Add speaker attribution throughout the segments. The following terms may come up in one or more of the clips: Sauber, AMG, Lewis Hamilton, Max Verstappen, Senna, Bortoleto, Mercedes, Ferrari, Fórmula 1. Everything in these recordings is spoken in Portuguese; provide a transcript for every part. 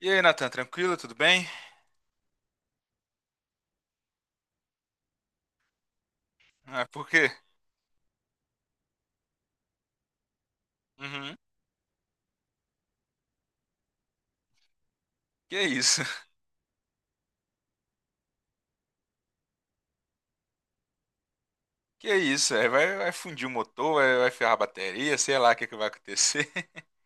Speaker 1: E aí, Natan, tranquilo? Tudo bem? Ah, por quê? Uhum. Que isso? Que isso? É, vai fundir o motor, vai ferrar a bateria, sei lá o que vai acontecer.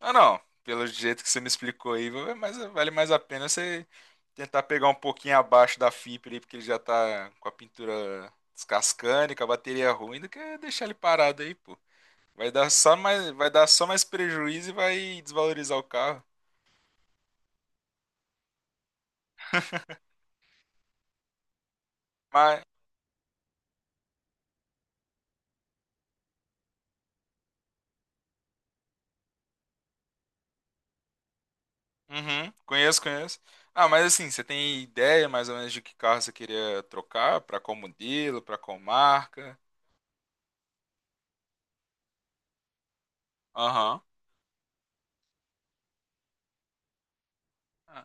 Speaker 1: Ah, não. Pelo jeito que você me explicou aí, mas vale mais a pena você tentar pegar um pouquinho abaixo da fibra aí, porque ele já tá com a pintura descascando e com a bateria ruim, do que deixar ele parado aí, pô. Vai dar só mais prejuízo e vai desvalorizar o carro. Uhum, conheço, conheço. Ah, mas assim, você tem ideia mais ou menos de que carro você queria trocar? Pra qual modelo, pra qual marca? Aham. Ah,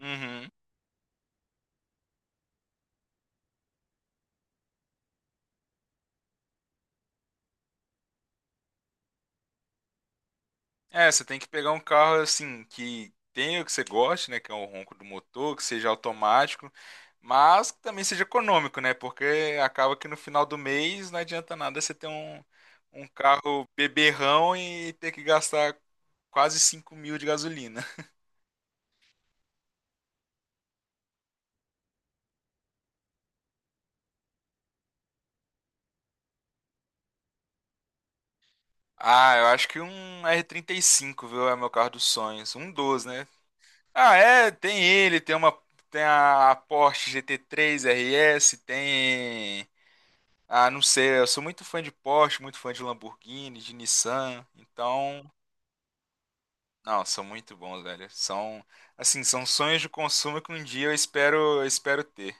Speaker 1: uhum. É, você tem que pegar um carro assim que tenha o que você goste, né? Que é o ronco do motor, que seja automático, mas que também seja econômico, né? Porque acaba que no final do mês não adianta nada você ter um carro beberrão e ter que gastar quase 5.000 de gasolina. Ah, eu acho que um R35, viu? É meu carro dos sonhos. Um doze, né? Ah, é, tem ele, tem a Porsche GT3 RS, tem. Ah, não sei, eu sou muito fã de Porsche, muito fã de Lamborghini, de Nissan. Então, não, são muito bons, velho. São assim, são sonhos de consumo que um dia eu espero ter.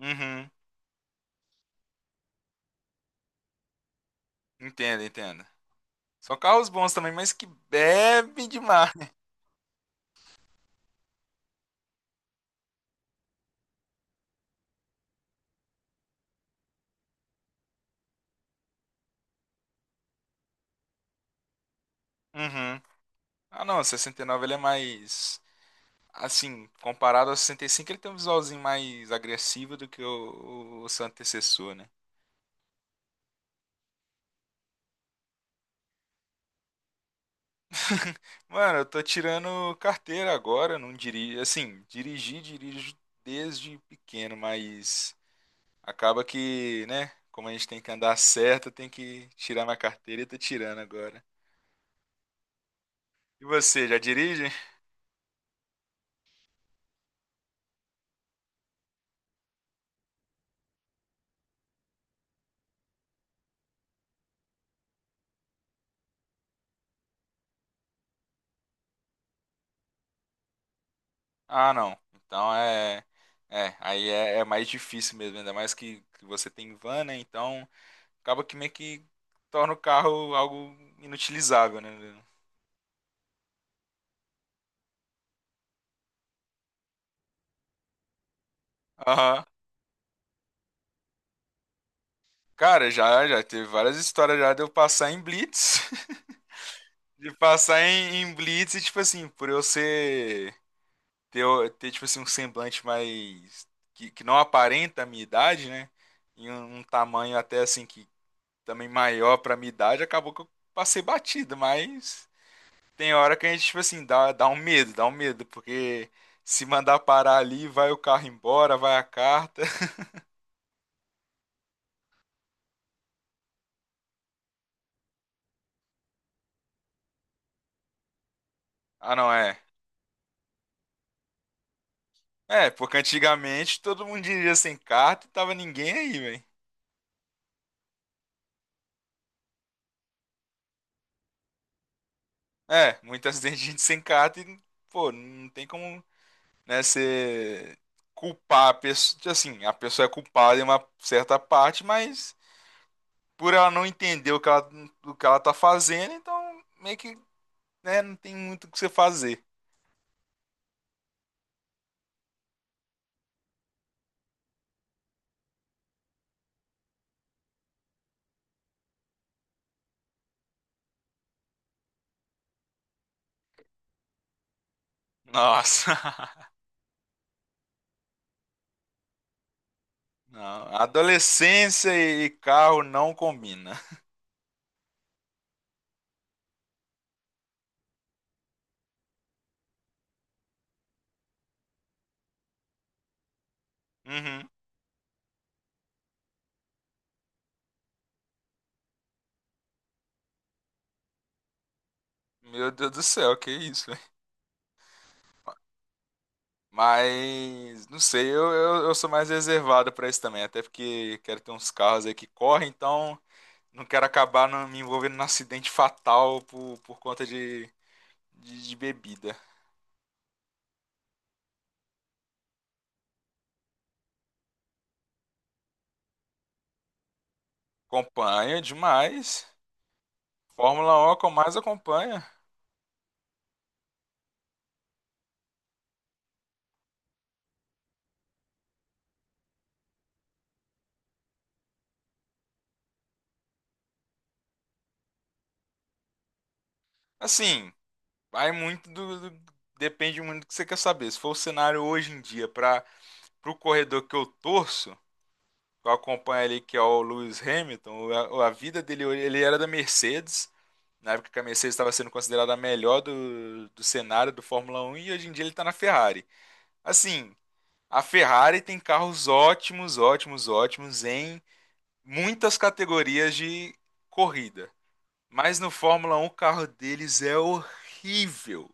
Speaker 1: Uhum. Entendo, entendo. São carros bons também, mas que bebe demais. Uhum. Ah, não, 69 ele é mais. Assim, comparado ao 65, ele tem um visualzinho mais agressivo do que o seu antecessor, né? Mano, eu tô tirando carteira agora, não dirijo. Assim, dirigi, dirijo desde pequeno, mas acaba que, né? Como a gente tem que andar certo, tem que tirar minha carteira e tô tirando agora. E você, já dirige? Ah, não. Então é. É, aí é, é mais difícil mesmo, ainda mais que você tem van, né? Então. Acaba que meio que torna o carro algo inutilizável, né? Aham. Cara, já teve várias histórias já de eu passar em blitz, de passar em blitz e tipo assim, por eu ser ter, ter tipo assim um semblante mais que não aparenta a minha idade, né? E um tamanho até assim que também maior pra minha idade, acabou que eu passei batido, mas tem hora que a gente tipo assim dá um medo, dá um medo, porque se mandar parar ali, vai o carro embora, vai a carta. Ah, não, é. É, porque antigamente todo mundo dirigia sem carta e tava ninguém aí, velho. É, muito acidente de gente sem carta e, pô, não tem como, né, você culpar a pessoa. Assim, a pessoa é culpada em uma certa parte, mas por ela não entender o que ela tá fazendo, então meio que, né, não tem muito o que você fazer. Nossa. Não, adolescência e carro não combina. Uhum. Meu Deus do céu, que isso. Mas não sei, eu sou mais reservado pra isso também, até porque quero ter uns carros aí que correm, então não quero acabar me envolvendo num acidente fatal por conta de bebida. Acompanho demais. Fórmula 1 é o que eu mais acompanho. Assim, vai muito depende muito do que você quer saber. Se for o cenário hoje em dia para o corredor que eu torço, que eu acompanho ali, que é o Lewis Hamilton, a vida dele, ele era da Mercedes. Na época que a Mercedes estava sendo considerada a melhor do cenário do Fórmula 1 e hoje em dia ele está na Ferrari. Assim, a Ferrari tem carros ótimos, ótimos, ótimos em muitas categorias de corrida. Mas no Fórmula 1 o carro deles é horrível.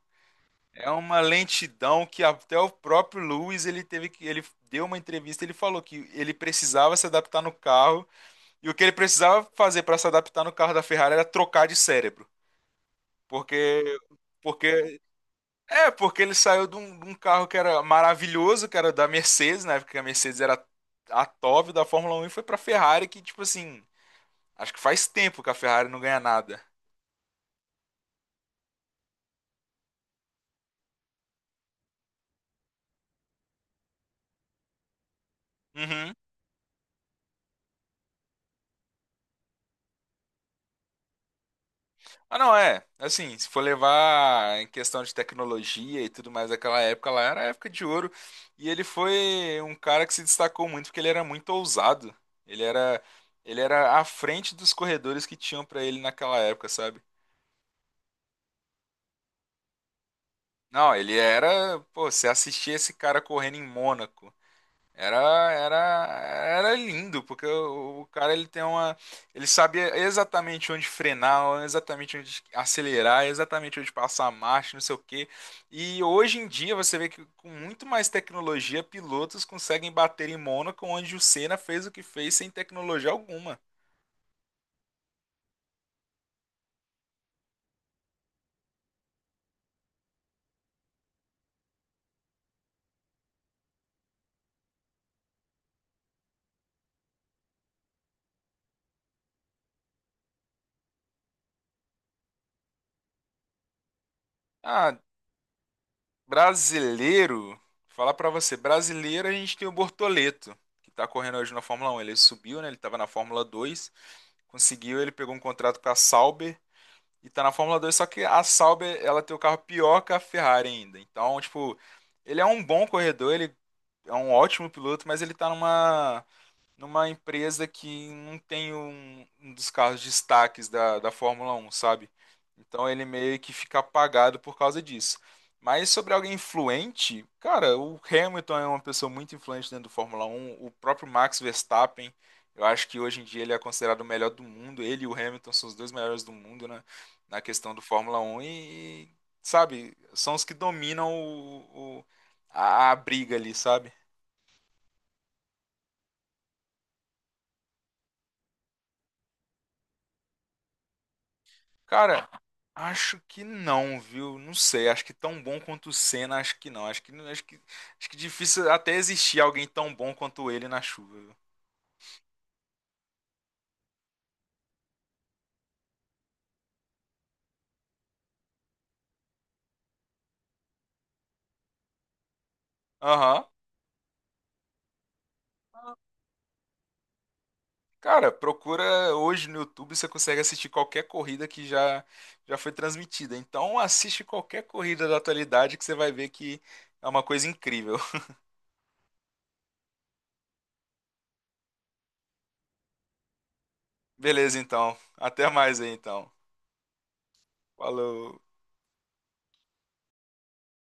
Speaker 1: É uma lentidão que até o próprio Lewis, ele teve que, ele deu uma entrevista, ele falou que ele precisava se adaptar no carro e o que ele precisava fazer para se adaptar no carro da Ferrari era trocar de cérebro, porque porque. É, porque ele saiu de um carro que era maravilhoso, que era da Mercedes, na época que a Mercedes era a top da Fórmula 1 e foi pra Ferrari, que, tipo assim, acho que faz tempo que a Ferrari não ganha nada. Uhum. Ah, não, é. Assim, se for levar em questão de tecnologia e tudo mais, aquela época lá era a época de ouro. E ele foi um cara que se destacou muito porque ele era muito ousado. Ele era, ele era à frente dos corredores que tinham pra ele naquela época, sabe? Não, ele era, pô, você assistia esse cara correndo em Mônaco. Era, era, era lindo, porque o cara, ele tem uma, ele sabia exatamente onde frenar, exatamente onde acelerar, exatamente onde passar a marcha, não sei o quê. E hoje em dia você vê que com muito mais tecnologia, pilotos conseguem bater em Mônaco, onde o Senna fez o que fez sem tecnologia alguma. Ah, brasileiro, falar pra você, brasileiro a gente tem o Bortoleto, que tá correndo hoje na Fórmula 1. Ele subiu, né? Ele tava na Fórmula 2, conseguiu, ele pegou um contrato com a Sauber e tá na Fórmula 2, só que a Sauber, ela tem o carro pior que a Ferrari ainda. Então, tipo, ele é um bom corredor, ele é um ótimo piloto, mas ele tá numa empresa que não tem um dos carros destaques da Fórmula 1, sabe? Então ele meio que fica apagado por causa disso. Mas sobre alguém influente, cara, o Hamilton é uma pessoa muito influente dentro do Fórmula 1, o próprio Max Verstappen, eu acho que hoje em dia ele é considerado o melhor do mundo, ele e o Hamilton são os dois melhores do mundo, né, na questão do Fórmula 1 e, sabe, são os que dominam a briga ali, sabe? Cara, acho que não, viu? Não sei, acho que tão bom quanto o Senna, acho que não. Acho que difícil até existir alguém tão bom quanto ele na chuva, viu? Aham. Cara, procura hoje no YouTube, você consegue assistir qualquer corrida que já foi transmitida. Então assiste qualquer corrida da atualidade que você vai ver que é uma coisa incrível. Beleza, então. Até mais aí, então. Falou.